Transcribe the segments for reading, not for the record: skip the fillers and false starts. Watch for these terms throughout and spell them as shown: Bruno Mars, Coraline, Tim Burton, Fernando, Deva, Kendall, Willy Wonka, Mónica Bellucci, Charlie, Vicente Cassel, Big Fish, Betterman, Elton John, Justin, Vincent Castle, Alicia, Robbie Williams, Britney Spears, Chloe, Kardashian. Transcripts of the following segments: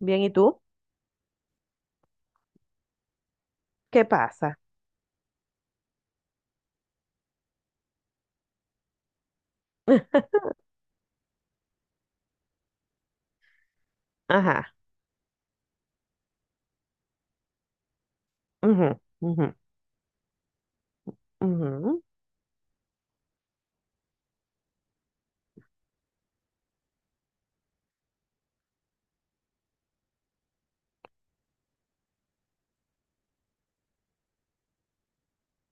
Bien, ¿y tú? ¿Qué pasa? Ajá. Ujú, ujú, ujú.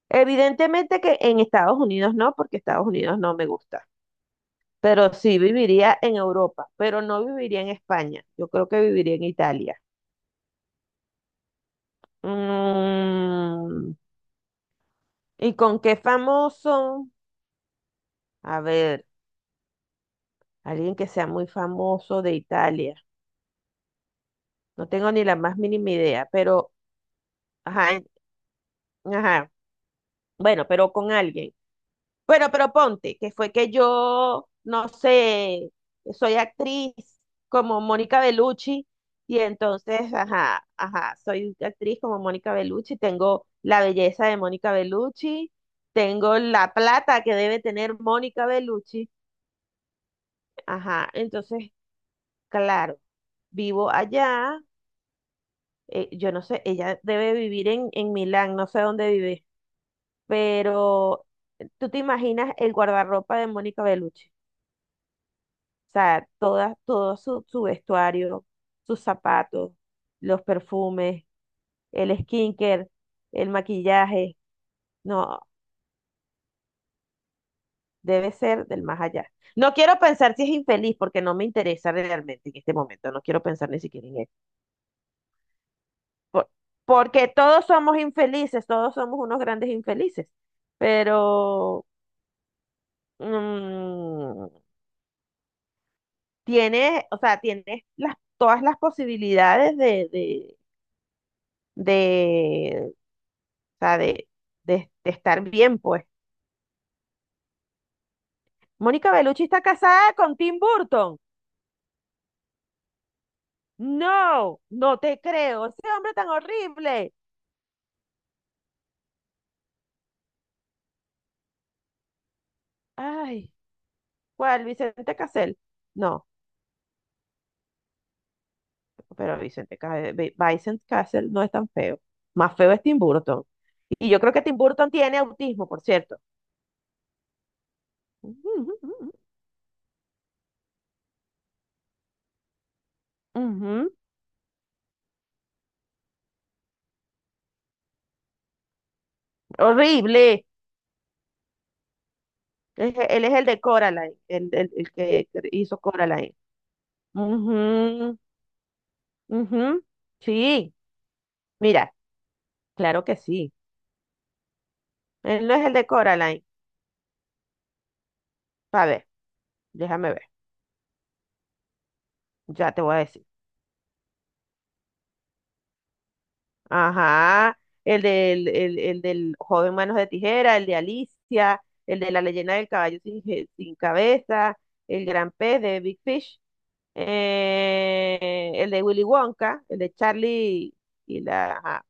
Evidentemente que en Estados Unidos no, porque Estados Unidos no me gusta. Pero sí viviría en Europa, pero no viviría en España. Yo creo que viviría en Italia. Mm, ¿Y con qué famoso? A ver, alguien que sea muy famoso de Italia. No tengo ni la más mínima idea, pero, ajá, ajá. Bueno, pero con alguien. Bueno, pero ponte, que fue que yo, no sé, soy actriz como Mónica Bellucci. Y entonces, ajá, ajá, soy actriz como Mónica Bellucci, tengo la belleza de Mónica Bellucci, tengo la plata que debe tener Mónica Bellucci. Ajá, entonces, claro, vivo allá. Yo no sé, ella debe vivir en Milán, no sé dónde vive, pero tú te imaginas el guardarropa de Mónica Bellucci. O sea, toda, todo su vestuario, sus zapatos, los perfumes, el skincare, el maquillaje. No, debe ser del más allá. No quiero pensar si es infeliz porque no me interesa realmente en este momento. No quiero pensar ni siquiera en eso. Por- Porque todos somos infelices, todos somos unos grandes infelices. Pero mm, tienes, o sea, tienes todas las posibilidades de o sea, de estar bien, pues. Mónica Bellucci está casada con Tim Burton. No, no te creo. Ese hombre tan horrible. Ay, ¿cuál? Vicente Cassel. No, pero Vincent Castle no es tan feo. Más feo es Tim Burton. Y yo creo que Tim Burton tiene autismo, por cierto. Ujú. Horrible. Él es el de Coraline, el que hizo Coraline. Ujú, ujú. Sí, mira, claro que sí. Él no es el de Coraline. A ver, déjame ver. Ya te voy a decir. Ajá. El del joven manos de tijera, el de Alicia, el de la leyenda del caballo sin cabeza, el gran pez de Big Fish, el de Willy Wonka, el de Charlie y la... ajá.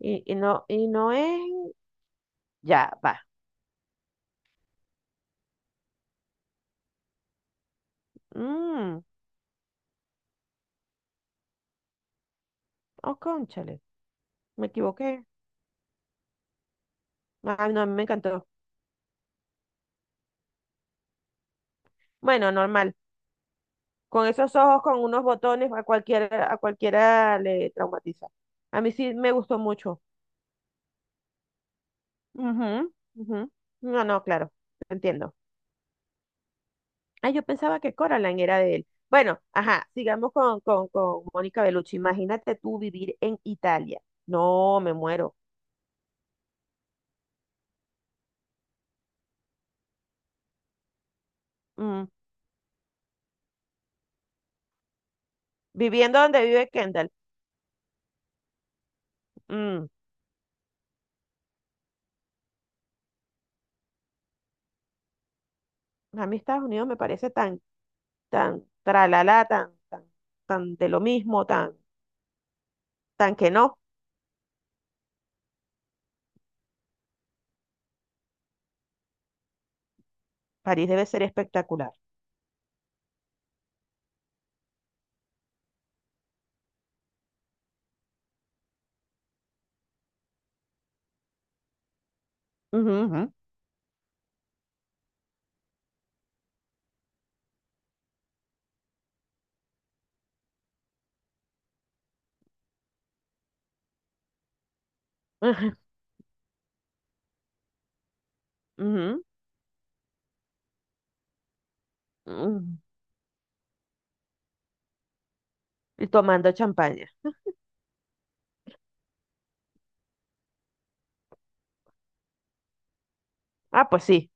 Y no, y no es... Ya, va. Mm, oh, cónchale. Me equivoqué. Ah, no, a mí me encantó. Bueno, normal. Con esos ojos, con unos botones, a cualquiera le traumatiza. A mí sí me gustó mucho. Ujú, ujú. No, no, claro, entiendo. Ah, yo pensaba que Coraline era de él. Bueno, ajá, sigamos con Mónica Bellucci. Imagínate tú vivir en Italia. No, me muero. Mm. Viviendo donde vive Kendall. Mm. A mí Estados Unidos me parece tan, tan, tralala, tan, tan, tan de lo mismo, tan, tan que no. París debe ser espectacular. Ujú, ujú. Ujú, ujú. Y tomando champaña. Ah, pues sí,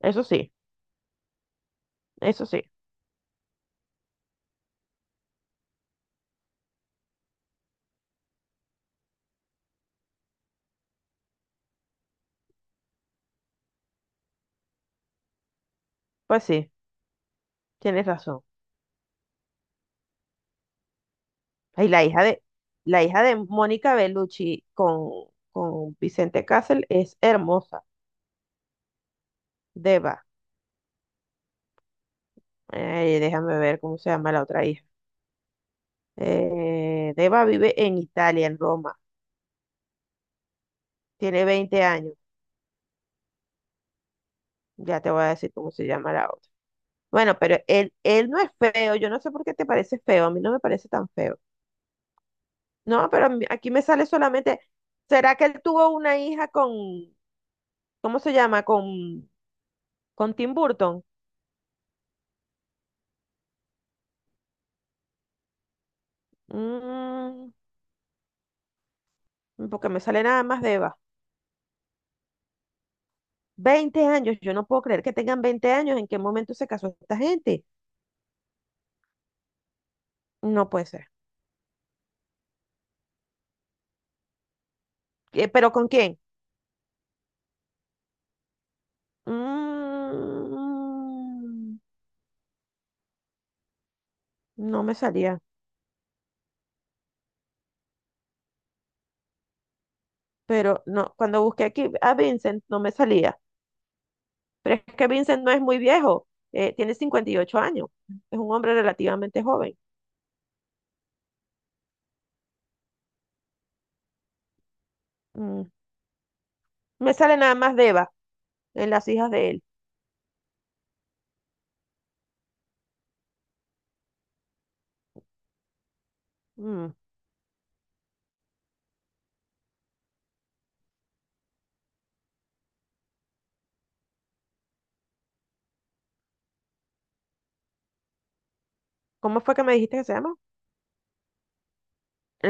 eso sí, eso sí, pues sí, tienes razón. Y la hija de Mónica Bellucci con Vicente Castle es hermosa, Deva. Déjame ver cómo se llama la otra hija. Deva vive en Italia, en Roma. Tiene 20 años. Ya te voy a decir cómo se llama la otra. Bueno, pero él no es feo. Yo no sé por qué te parece feo. A mí no me parece tan feo. No, pero aquí me sale solamente, ¿será que él tuvo una hija con, ¿cómo se llama? Con Tim Burton. Mm, Porque me sale nada más de Eva. 20 años, yo no puedo creer que tengan 20 años. ¿En qué momento se casó esta gente? No puede ser. ¿Pero con quién? Mm, no me salía. Pero no, cuando busqué aquí a Vincent no me salía. Pero es que Vincent no es muy viejo, tiene 58 años. Es un hombre relativamente joven. Mm. Me sale nada más Deva en las hijas de él. Mm, ¿Cómo fue que me dijiste que se llama?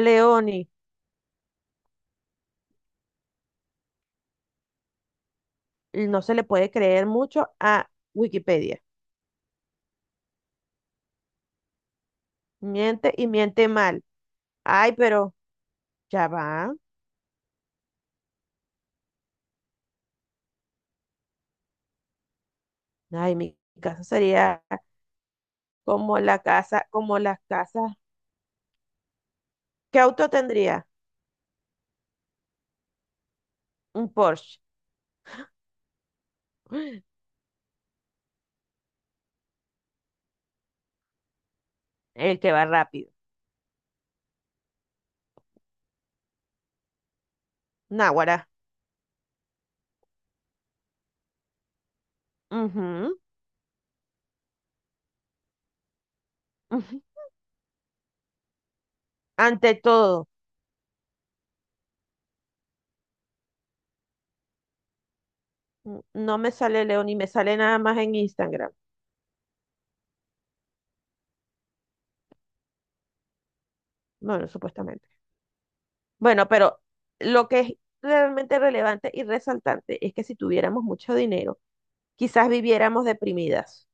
Leoni. No se le puede creer mucho a Wikipedia. Miente y miente mal. Ay, pero ya va. Ay, mi casa sería como la casa, como las casas. ¿Qué auto tendría? Un Porsche. El que va rápido. Náguara. Ujú, ujú. Ante todo, no me sale Leoni, me sale nada más en Instagram. Bueno, supuestamente. Bueno, pero lo que es realmente relevante y resaltante es que si tuviéramos mucho dinero, quizás viviéramos deprimidas.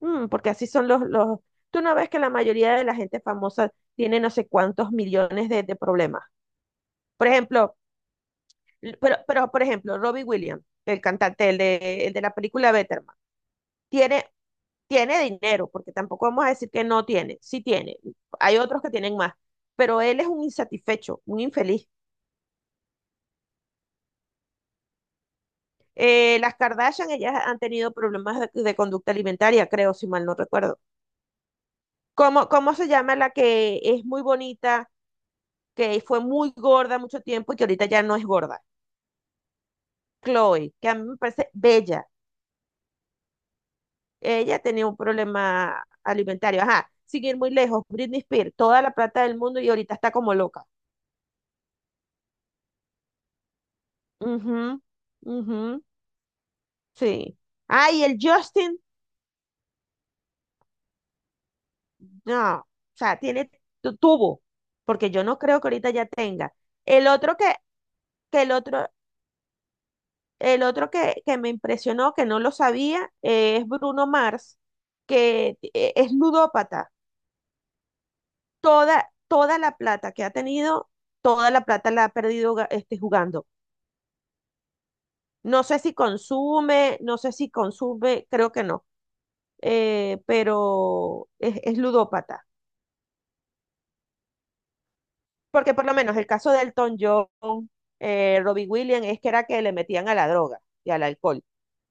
Porque así son los. Tú no ves que la mayoría de la gente famosa tiene no sé cuántos millones de problemas. Por ejemplo, pero, por ejemplo, Robbie Williams, el cantante, el de la película Betterman, tiene, tiene dinero, porque tampoco vamos a decir que no tiene, sí tiene. Hay otros que tienen más, pero él es un insatisfecho, un infeliz. Las Kardashian, ellas han tenido problemas de conducta alimentaria, creo, si mal no recuerdo. ¿Cómo se llama la que es muy bonita, que fue muy gorda mucho tiempo y que ahorita ya no es gorda? Chloe, que a mí me parece bella. Ella tenía un problema alimentario. Ajá, sin ir muy lejos, Britney Spears, toda la plata del mundo y ahorita está como loca. Ujú, ujú, sí. Ah, y el Justin. No, o sea, tiene tuvo, porque yo no creo que ahorita ya tenga. El otro que el otro que me impresionó, que no lo sabía, es Bruno Mars, que es ludópata. Toda la plata que ha tenido, toda la plata la ha perdido jugando. No sé si consume, creo que no, pero es ludópata. Porque por lo menos el caso de Elton John, Robbie Williams, es que era que le metían a la droga y al alcohol.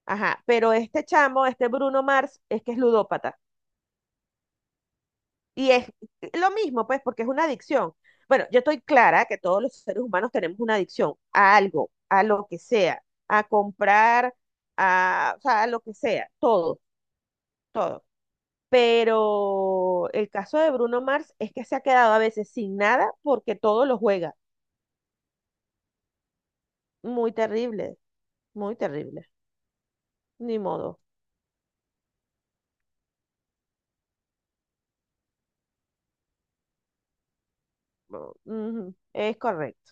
Ajá, pero este chamo, este Bruno Mars, es que es ludópata. Y es lo mismo, pues, porque es una adicción. Bueno, yo estoy clara que todos los seres humanos tenemos una adicción a algo, a lo que sea, a comprar, o sea, a lo que sea, todo, todo. Pero el caso de Bruno Mars es que se ha quedado a veces sin nada porque todo lo juega. Muy terrible, muy terrible. Ni modo. Bueno, ujú, es correcto.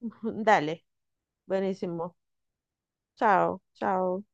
Dale. Buenísimo. Chao, chao.